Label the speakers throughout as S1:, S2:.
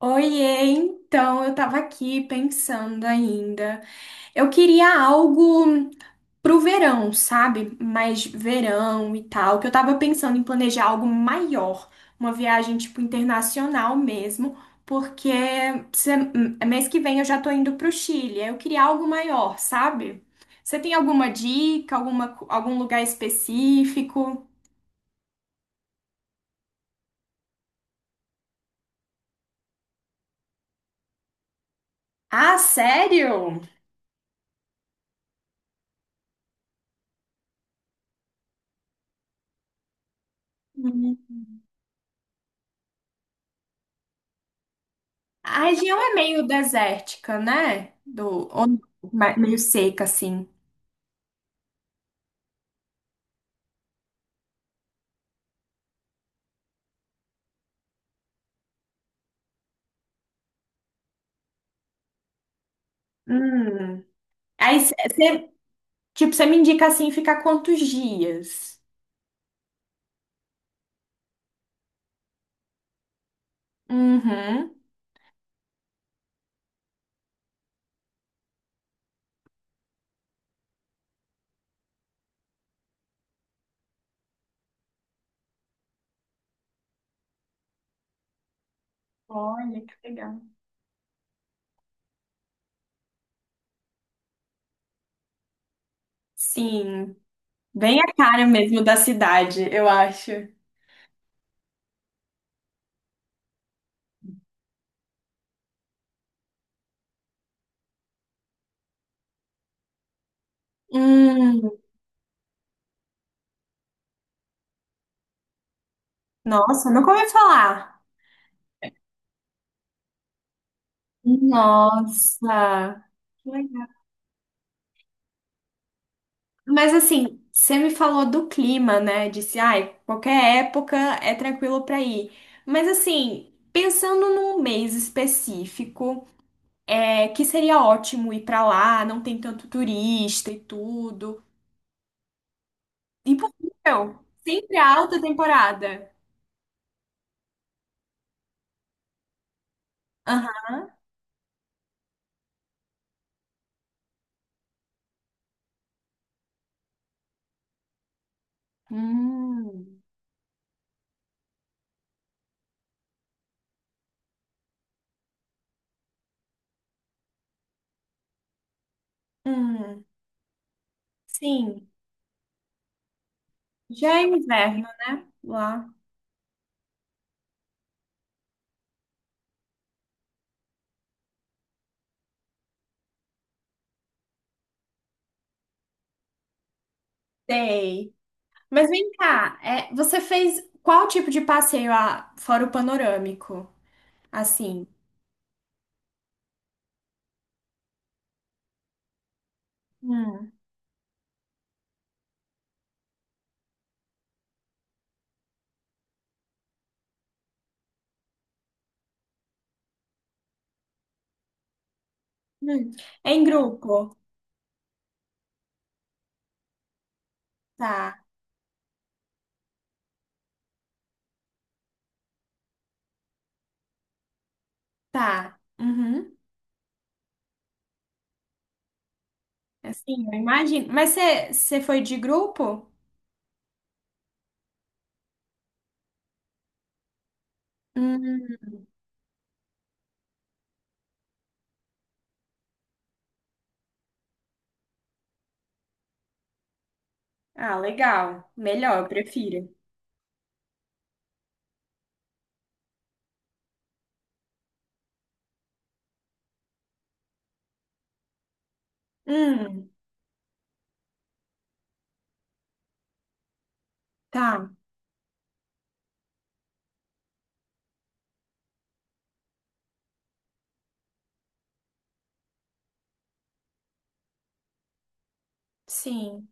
S1: Oiê, então eu tava aqui pensando ainda. Eu queria algo pro verão, sabe? Mais verão e tal, que eu tava pensando em planejar algo maior, uma viagem tipo internacional mesmo, porque se- mês que vem eu já tô indo pro Chile. Eu queria algo maior, sabe? Você tem alguma dica, alguma, algum lugar específico? Ah, sério? A região é meio desértica, né? Do, ou meio seca, assim. Hum. Aí você, tipo, você me indica assim ficar quantos dias? Uhum. Olha, que legal. Sim, bem a cara mesmo da cidade, eu acho. Hum, nossa, nunca ouvi falar. Nossa, mas assim, você me falou do clima, né? Disse, ai, qualquer época é tranquilo pra ir. Mas assim, pensando num mês específico, é que seria ótimo ir pra lá, não tem tanto turista e tudo. Impossível. Sempre alta temporada. Aham. Hum, hum, sim. Já é inverno lá. Sei. Mas vem cá, é, você fez qual tipo de passeio fora o panorâmico? Assim. Hum, hum. Em grupo. Tá, tá. Uhum. Assim, eu imagino. Mas você foi de grupo? Hum. Ah, legal. Melhor, eu prefiro. Hum, tá. Sim.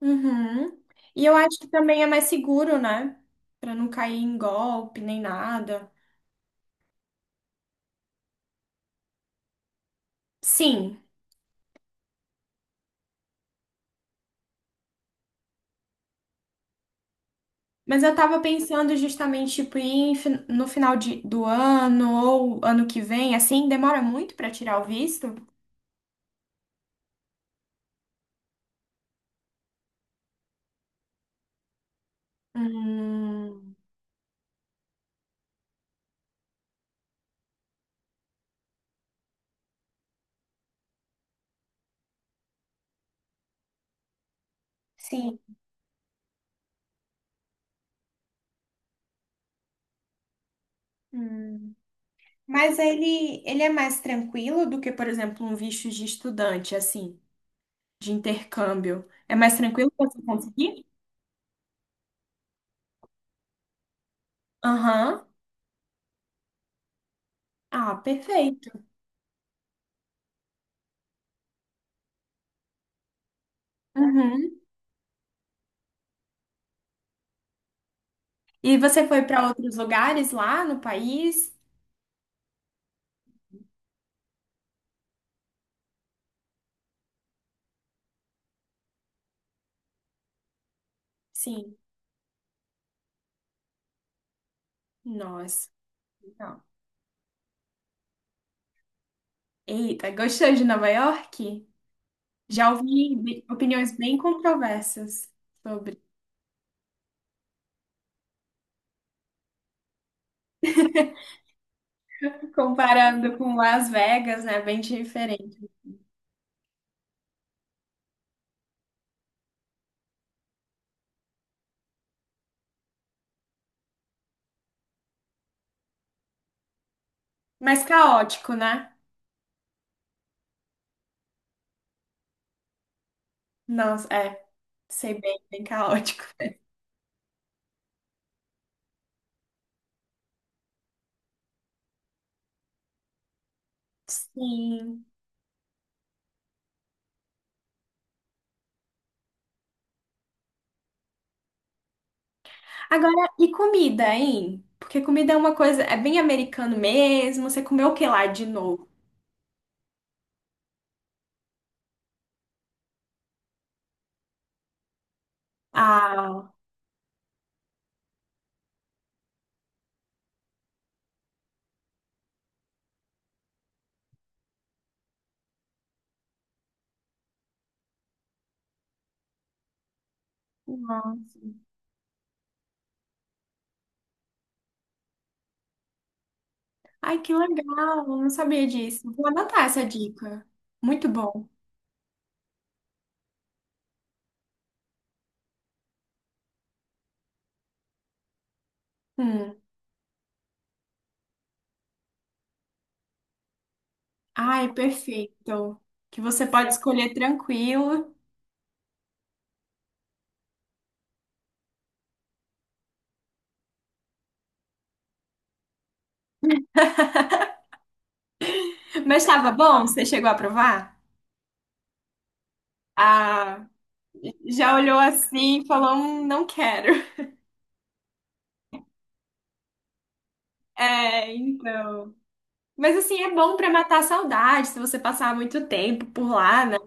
S1: Uhum. E eu acho que também é mais seguro, né? Pra não cair em golpe nem nada. Sim. Mas eu tava pensando justamente, tipo, ir no final do ano ou ano que vem, assim, demora muito pra tirar o visto? Hum. Sim. Hum. Mas ele é mais tranquilo do que, por exemplo, um visto de estudante, assim, de intercâmbio. É mais tranquilo pra você conseguir? Aham. Ah, perfeito. Uhum. E você foi para outros lugares lá no país? Sim. Nossa. Não. Eita, gostou de Nova York? Opiniões bem controversas sobre. Comparando com Las Vegas, né? Bem diferente. Mas caótico, né? Nossa, é. Sei bem, bem caótico. Sim. Agora, e comida, hein? Porque comida é uma coisa, é bem americano mesmo. Você comeu o que lá de novo? Ah, nossa. Ai, que legal, eu não sabia disso. Vou anotar essa dica. Muito bom. Hum. Ai, perfeito. Que você pode escolher tranquilo. Mas estava bom? Você chegou a provar? Ah, já olhou assim e falou, não quero. É, então. Mas assim, é bom pra matar a saudade, se você passar muito tempo por lá, né?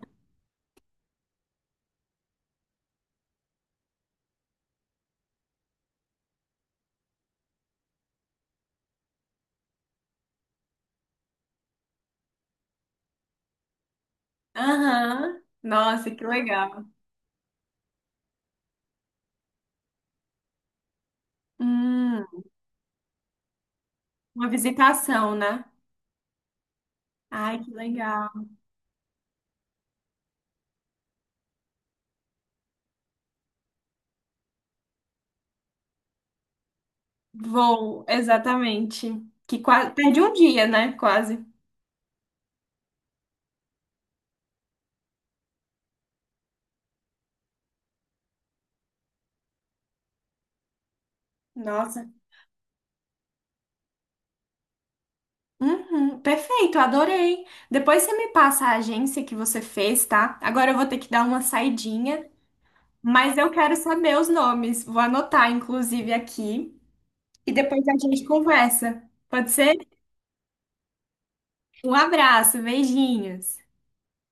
S1: Aham. Nossa, que legal. Hum, uma visitação, né? Ai, que legal. Vou, exatamente. Que quase perde um dia, né? Quase. Nossa. Uhum, perfeito, adorei. Depois você me passa a agência que você fez, tá? Agora eu vou ter que dar uma saidinha, mas eu quero saber os nomes. Vou anotar, inclusive, aqui. E depois a gente conversa. Pode ser? Um abraço, beijinhos.